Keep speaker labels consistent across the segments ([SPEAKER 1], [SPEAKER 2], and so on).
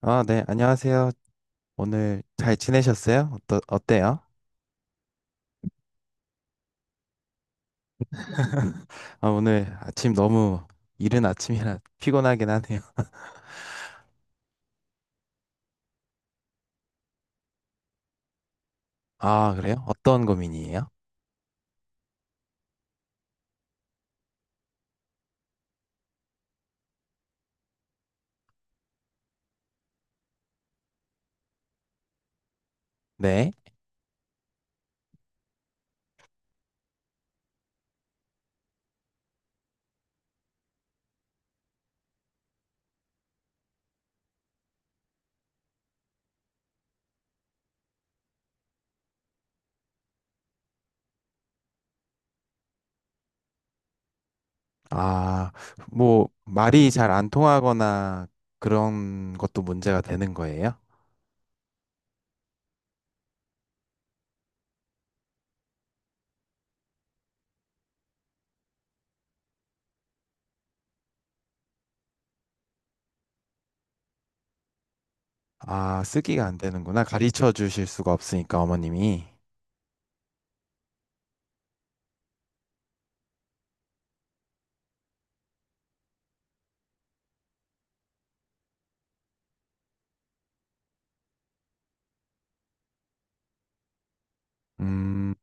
[SPEAKER 1] 아, 네, 안녕하세요. 오늘 잘 지내셨어요? 어때요? 아, 오늘 아침 너무 이른 아침이라 피곤하긴 하네요. 아, 그래요? 어떤 고민이에요? 네. 아, 뭐, 말이 잘 안 통하거나 그런 것도 문제가 되는 거예요? 아, 쓰기가 안 되는구나. 가르쳐 주실 수가 없으니까, 어머님이. 음,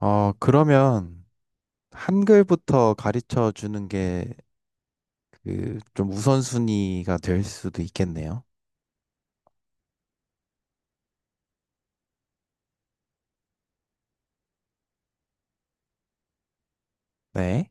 [SPEAKER 1] 어, 그러면 한글부터 가르쳐 주는 게 그 좀 우선순위가 될 수도 있겠네요. 네.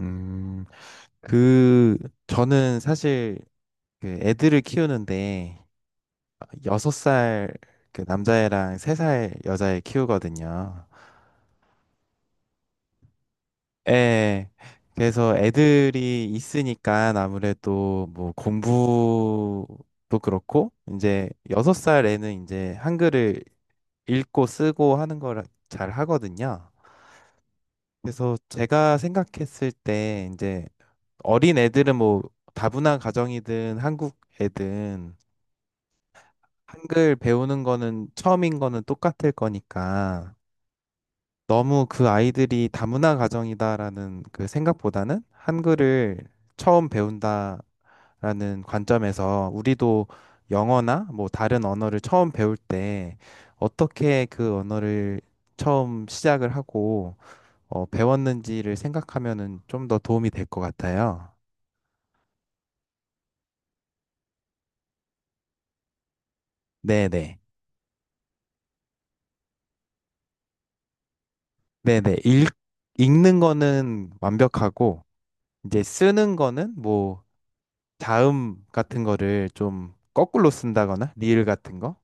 [SPEAKER 1] 음, 그, 저는 사실 그 애들을 키우는데 6살 그 남자애랑 3살 여자애 키우거든요. 예. 그래서 애들이 있으니까 아무래도 뭐 공부도 그렇고 이제 6살 애는 이제 한글을 읽고 쓰고 하는 걸 잘 하거든요. 그래서 제가 생각했을 때 이제 어린 애들은 뭐 다문화 가정이든 한국 애든 한글 배우는 거는 처음인 거는 똑같을 거니까 너무 그 아이들이 다문화 가정이다라는 그 생각보다는 한글을 처음 배운다라는 관점에서 우리도 영어나 뭐 다른 언어를 처음 배울 때 어떻게 그 언어를 처음 시작을 하고 배웠는지를 생각하면은 좀 더 도움이 될 것 같아요. 네네. 네네. 읽는 거는 완벽하고, 이제 쓰는 거는 뭐, 자음 같은 거를 좀 거꾸로 쓴다거나, 리을 같은 거,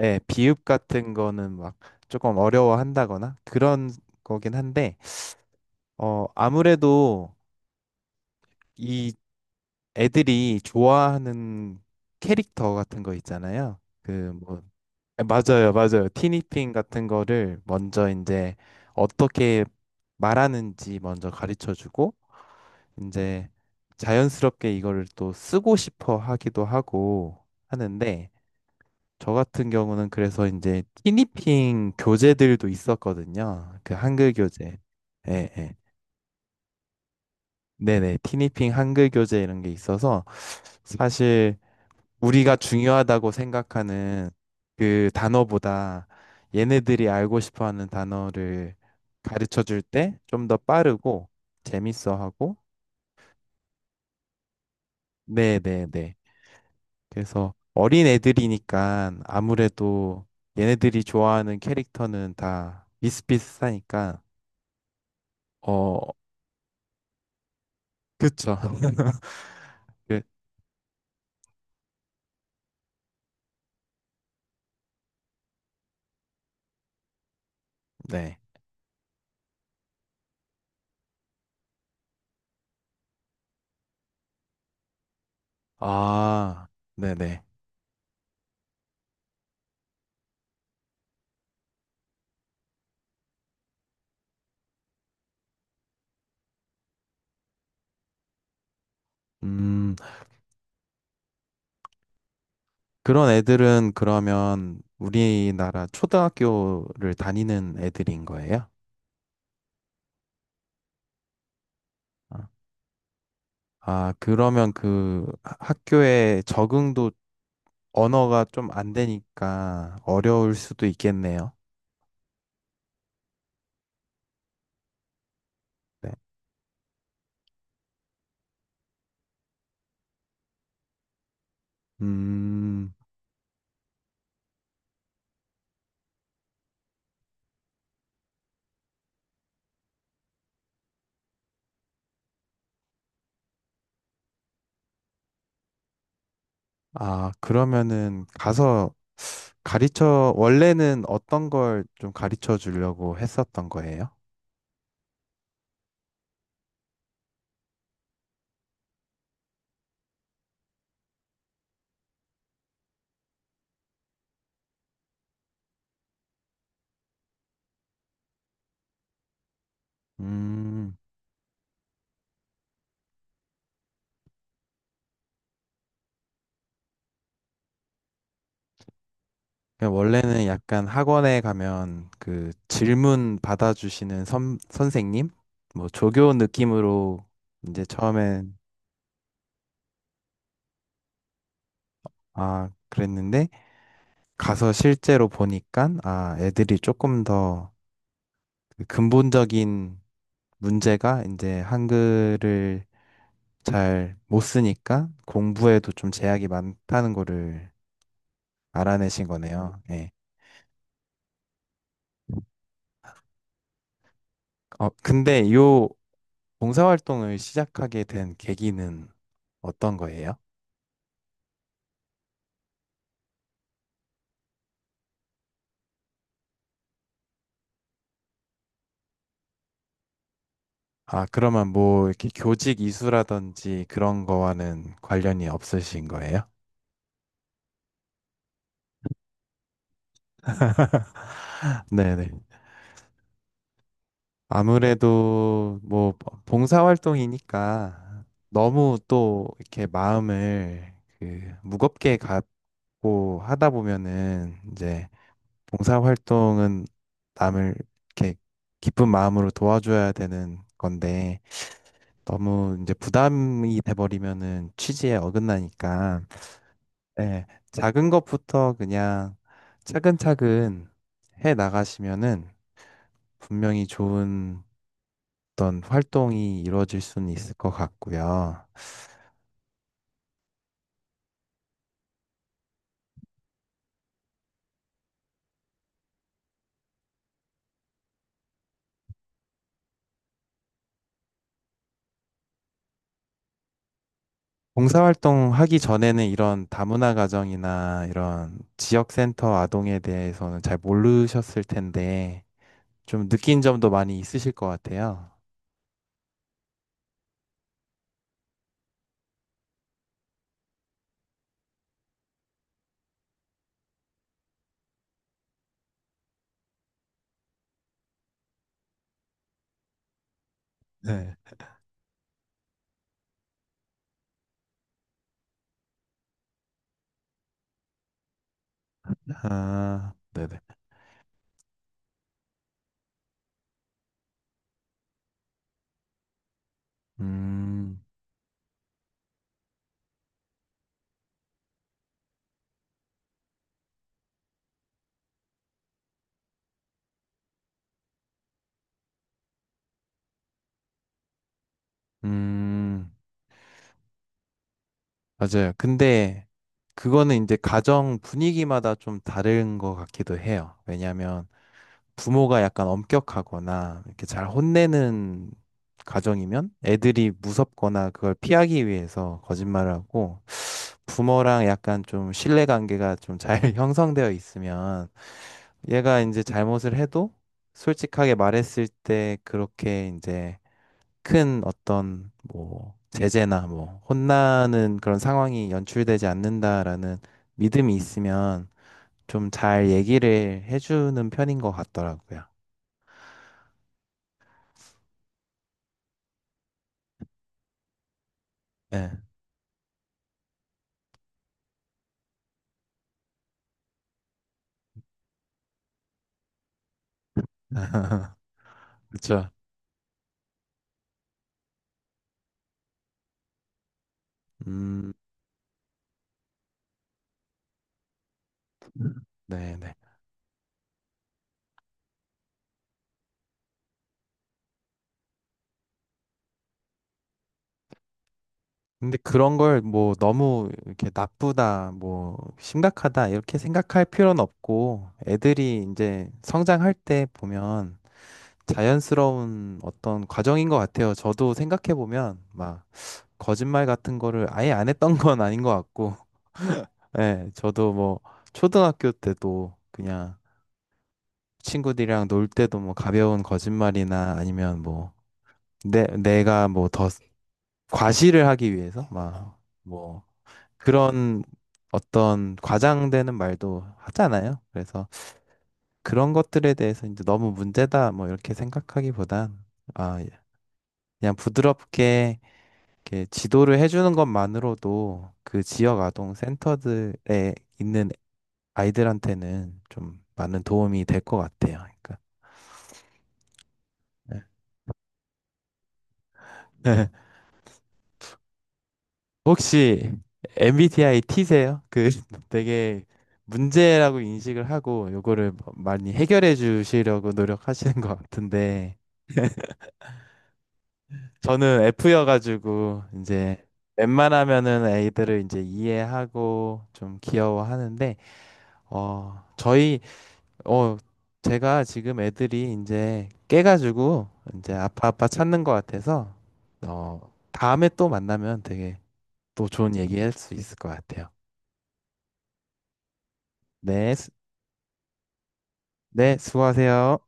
[SPEAKER 1] 예, 비읍 같은 거는 막 조금 어려워한다거나, 그런 거긴 한데, 아무래도 이 애들이 좋아하는 캐릭터 같은 거 있잖아요. 그 뭐, 맞아요, 맞아요. 티니핑 같은 거를 먼저 이제 어떻게 말하는지 먼저 가르쳐 주고, 이제 자연스럽게 이거를 또 쓰고 싶어 하기도 하고 하는데, 저 같은 경우는 그래서 이제 티니핑 교재들도 있었거든요. 그 한글 교재. 예, 예. 네네. 티니핑 한글 교재 이런 게 있어서 사실 우리가 중요하다고 생각하는 그 단어보다 얘네들이 알고 싶어 하는 단어를 가르쳐 줄 때 좀 더 빠르고 재밌어 하고, 네네네. 그래서 어린 애들이니까 아무래도 얘네들이 좋아하는 캐릭터는 다 비슷비슷하니까, 어, 그쵸. 그, 네. 아, 네네. 음. 그런 애들은 그러면 우리나라 초등학교를 다니는 애들인 거예요? 아, 아, 그러면 그 학교에 적응도 언어가 좀 안 되니까 어려울 수도 있겠네요. 네. 음, 아, 그러면은 가서 원래는 어떤 걸 좀 가르쳐 주려고 했었던 거예요? 음. 그러니까 원래는 약간 학원에 가면 그 질문 받아주시는 선생님? 뭐 조교 느낌으로 이제 처음엔 아, 그랬는데 가서 실제로 보니까 아, 애들이 조금 더그 근본적인 문제가 이제 한글을 잘 못 쓰니까 공부에도 좀 제약이 많다는 거를 알아내신 거네요. 예. 근데 요 봉사활동을 시작하게 된 계기는 어떤 거예요? 아, 그러면 뭐 이렇게 교직 이수라든지 그런 거와는 관련이 없으신 거예요? 네네. 아무래도 뭐 봉사활동이니까 너무 또 이렇게 마음을 그 무겁게 갖고 하다 보면은 이제 봉사활동은 남을 이렇게 기쁜 마음으로 도와줘야 되는 건데 너무 이제 부담이 돼버리면은 취지에 어긋나니까 네, 작은 것부터 그냥 차근차근 해 나가시면은 분명히 좋은 어떤 활동이 이루어질 수는 있을 것 같고요. 봉사활동 하기 전에는 이런 다문화 가정이나 이런 지역센터 아동에 대해서는 잘 모르셨을 텐데 좀 느낀 점도 많이 있으실 것 같아요. 네. 아, 네네. 음, 음. 맞아요. 근데 그거는 이제 가정 분위기마다 좀 다른 것 같기도 해요. 왜냐하면 부모가 약간 엄격하거나 이렇게 잘 혼내는 가정이면 애들이 무섭거나 그걸 피하기 위해서 거짓말을 하고 부모랑 약간 좀 신뢰 관계가 좀 잘 형성되어 있으면 얘가 이제 잘못을 해도 솔직하게 말했을 때 그렇게 이제 큰 어떤 뭐 제재나 뭐 혼나는 그런 상황이 연출되지 않는다라는 믿음이 있으면 좀 잘 얘기를 해주는 편인 것 같더라고요. 네. 그렇죠. 음, 네네. 근데 그런 걸 뭐 너무 이렇게 나쁘다, 뭐 심각하다 이렇게 생각할 필요는 없고 애들이 이제 성장할 때 보면 자연스러운 어떤 과정인 것 같아요. 저도 생각해 보면 막 거짓말 같은 거를 아예 안 했던 건 아닌 것 같고, 예, 저도 뭐 초등학교 때도 그냥 친구들이랑 놀 때도 뭐 가벼운 거짓말이나 아니면 뭐 내가 뭐 더 과시를 하기 위해서 막 뭐 그런 어떤 과장되는 말도 하잖아요. 그래서 그런 것들에 대해서 이제 너무 문제다 뭐 이렇게 생각하기보단 아, 그냥 부드럽게 이렇게 지도를 해주는 것만으로도 그 지역 아동 센터들에 있는 아이들한테는 좀 많은 도움이 될 것 같아요. 그러니까 네. 혹시 MBTI T세요? 그 되게 문제라고 인식을 하고 요거를 뭐 많이 해결해 주시려고 노력하시는 것 같은데 저는 F여가지고 이제 웬만하면은 애들을 이제 이해하고 좀 귀여워하는데 어 저희 어, 제가 지금 애들이 이제 깨가지고 이제 아빠 아빠 찾는 것 같아서 어, 다음에 또 만나면 되게 또 좋은 얘기할 수 있을 것 같아요. 네, 네, 수고하세요.